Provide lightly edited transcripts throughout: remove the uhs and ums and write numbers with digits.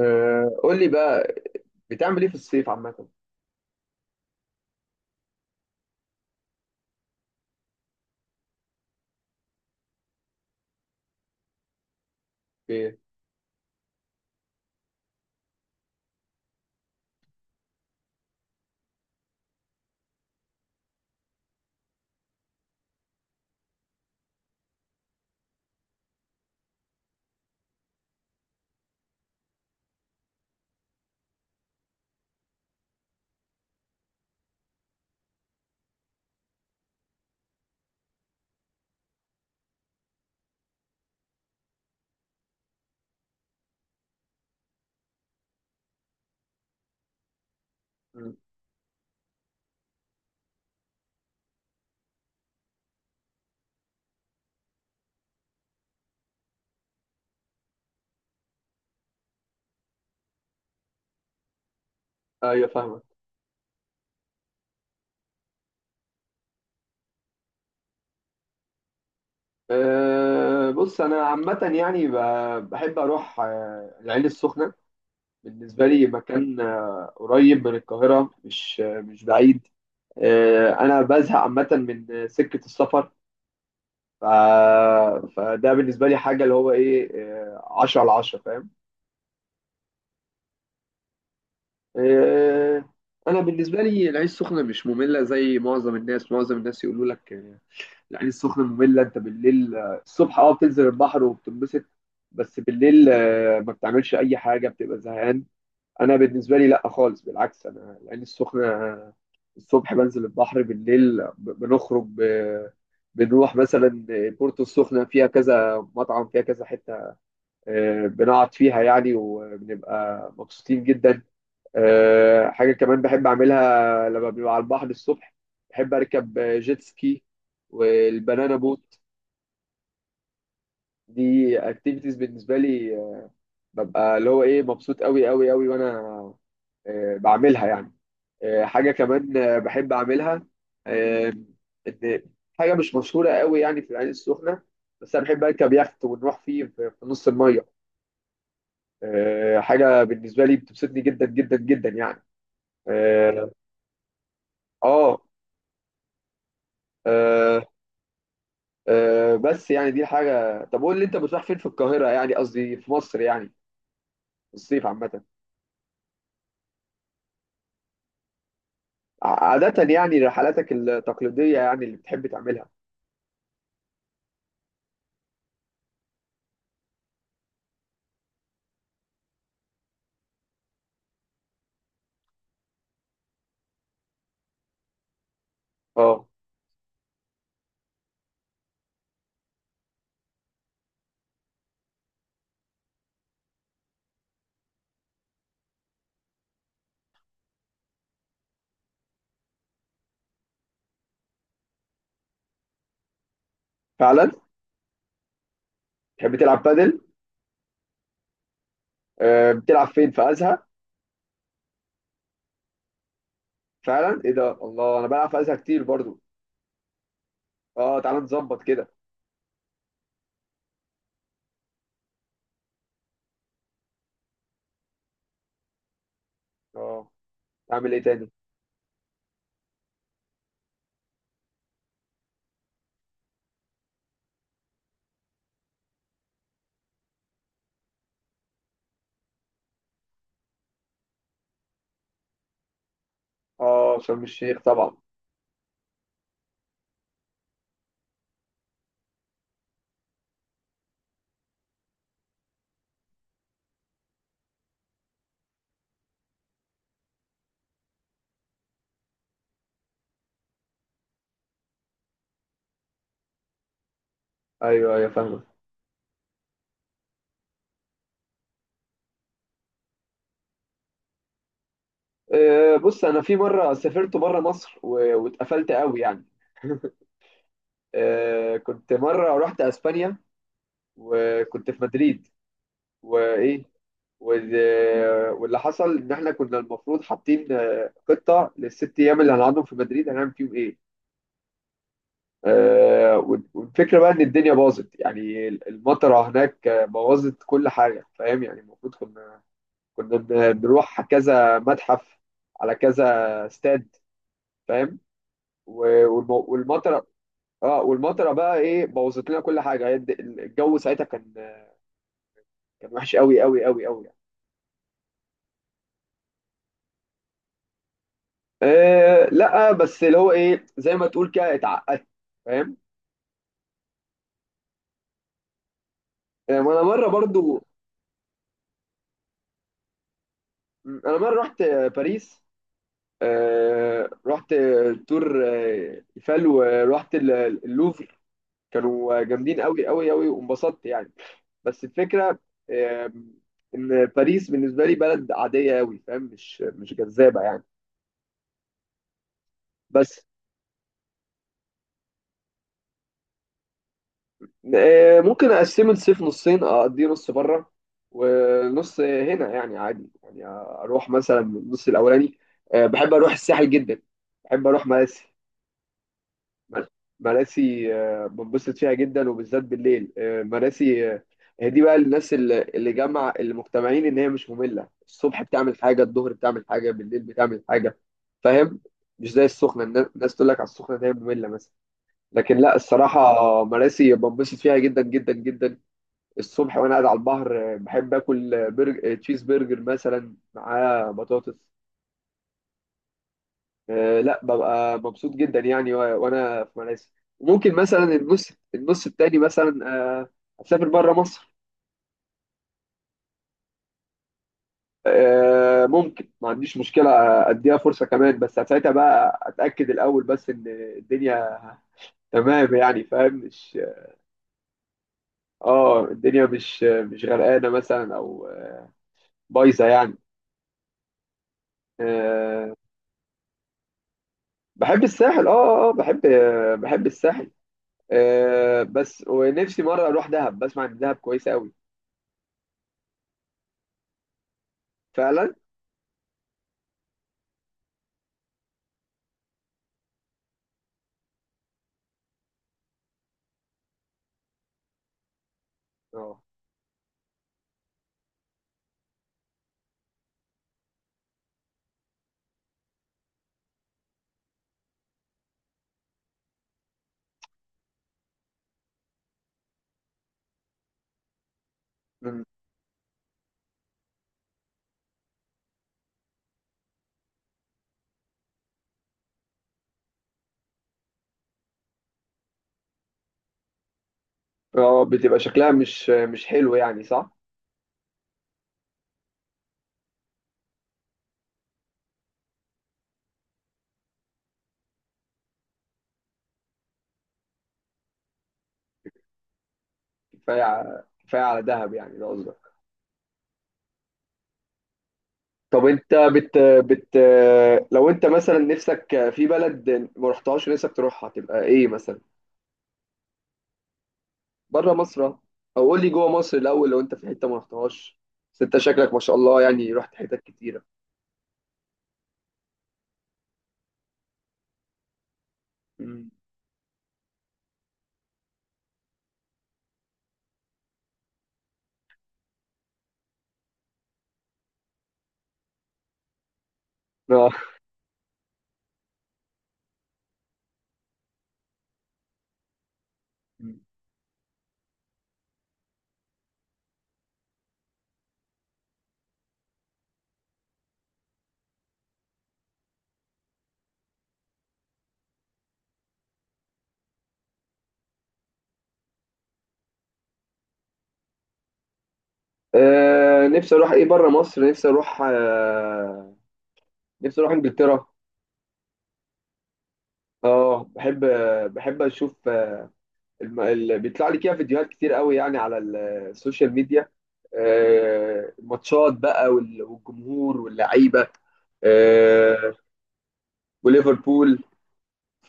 قول لي بقى، بتعمل ايه في الصيف عامة؟ ايه؟ مم. ايوه فاهمك. بص انا عامة يعني بحب اروح العين السخنة. بالنسبة لي مكان قريب من القاهرة، مش بعيد. انا بزهق عامة من سكة السفر. ف... فده بالنسبة لي حاجة اللي هو ايه 10/10، فاهم؟ أه انا بالنسبة لي العين السخنة مش مملة زي معظم الناس. معظم الناس يقولوا لك العين السخنه ممله. انت بالليل الصبح بتنزل البحر وبتنبسط. بس بالليل ما بتعملش اي حاجه، بتبقى زهقان. انا بالنسبه لي لا خالص، بالعكس. انا العين السخنه الصبح بنزل البحر، بالليل بنخرج بنروح مثلا بورتو السخنه. فيها كذا مطعم، فيها كذا حته، بنقعد فيها يعني وبنبقى مبسوطين جدا. حاجه كمان بحب اعملها لما بنبقى على البحر الصبح، بحب اركب جيت سكي والبنانا بوت. دي اكتيفيتيز بالنسبه لي، ببقى اللي هو ايه مبسوط قوي قوي قوي. وانا بعملها يعني. حاجه كمان بحب اعملها. آه، إن حاجه مش مشهوره قوي يعني في العين السخنه، بس انا بحب اركب يخت ونروح فيه في نص الميه. حاجه بالنسبه لي بتبسطني جدا جدا جدا يعني. اه آه، آه، بس يعني دي حاجه. طب قول لي انت بتروح فين في القاهره يعني، قصدي في مصر يعني، في الصيف عامه. عادة يعني، رحلاتك التقليدية يعني اللي بتحب تعملها. اه، فعلا. بتحب تلعب بادل؟ بتلعب فين؟ في ازهى؟ فعلا؟ ايه ده، الله، انا بلعب في ازهى كتير برضو. اه، تعال نظبط كده. اه، اعمل ايه تاني؟ اه، شرم الشيخ طبعا. ايوه، ايوه، فاهمة. بص انا في مرة سافرت بره مصر واتقفلت قوي يعني. كنت مرة رحت اسبانيا وكنت في مدريد. وايه، وال- واللي حصل ان احنا كنا المفروض حاطين خطه للست ايام اللي هنقعدهم في مدريد هنعمل فيهم ايه. والفكره بقى ان الدنيا باظت يعني، المطره هناك بوظت كل حاجه، فاهم يعني. المفروض كنا بنروح كذا متحف، على كذا استاد، فاهم. والمطره... اه والمطره بقى ايه بوظت لنا كل حاجه. هي الجو ساعتها كان وحش قوي قوي قوي قوي. لا بس اللي هو ايه، زي ما تقول كده، اتعقدت، فاهم. ما انا مره برضو، انا مره رحت باريس. رحت تور ايفل ورحت اللوفر. كانوا جامدين قوي قوي قوي وانبسطت يعني. بس الفكره، آه ان باريس بالنسبه لي بلد عاديه قوي، فاهم، مش جذابه يعني. بس ممكن اقسم الصيف نصين، اقضيه نص بره ونص هنا يعني عادي. يعني اروح مثلا النص الاولاني. بحب اروح الساحل جدا، بحب اروح مراسي. مراسي بنبسط فيها جدا وبالذات بالليل. مراسي هي دي بقى الناس اللي جمع اللي مجتمعين ان هي مش ممله. الصبح بتعمل حاجه، الظهر بتعمل حاجه، بالليل بتعمل حاجه، فاهم. مش زي السخنه. الناس تقول لك على السخنه ان هي ممله مثلا. لكن لا، الصراحه مراسي بنبسط فيها جدا جدا جدا. الصبح وانا قاعد على البحر بحب اكل برجر، تشيز برجر مثلا معاه بطاطس. لا ببقى مبسوط جدا يعني. وانا في ماليزيا ممكن مثلا النص التاني مثلا. آه، اسافر بره مصر. ممكن ما عنديش مشكلة، اديها فرصة كمان. بس ساعتها بقى اتاكد الاول بس ان الدنيا تمام يعني، فاهم، مش... اه الدنيا مش غرقانة مثلا او بايظة يعني. آه، بحب الساحل اه. اه آه، بحب بحب الساحل. بس ونفسي مرة أروح دهب، بسمع إن دهب كويسة أوي. فعلا. اه. مم. اه، بتبقى شكلها مش حلو يعني، صح. كفاية على دهب يعني، ده قصدك. طب أنت بت بت لو أنت مثلا نفسك في بلد ما رحتهاش ونفسك تروحها تبقى إيه مثلا؟ بره مصر أهو. أو قول لي جوه مصر الأول، لو أنت في حتة ما رحتهاش. بس أنت شكلك ما شاء الله يعني، رحت حتت كتيرة. مم. آه. مم. نفسي اروح ايه بره مصر، نفسي اروح انجلترا. اه، بحب اشوف. بيطلع لي كده فيديوهات كتير قوي يعني على السوشيال ميديا. الماتشات بقى والجمهور واللعيبه. آه، وليفربول.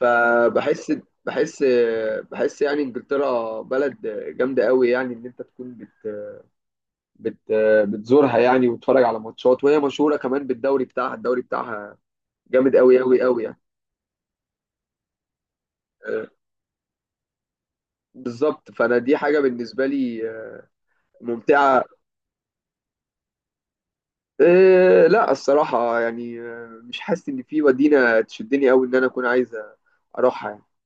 فبحس بحس بحس يعني انجلترا بلد جامده قوي يعني ان انت تكون بت بت بتزورها يعني، وتتفرج على ماتشات، وهي مشهوره كمان بالدوري بتاعها. الدوري بتاعها جامد قوي قوي قوي يعني. آه، بالظبط، فانا دي حاجه بالنسبه لي ممتعة. إيه لا، الصراحة يعني مش حاسس إن في مدينة تشدني أوي إن أنا أكون عايز أروحها يعني.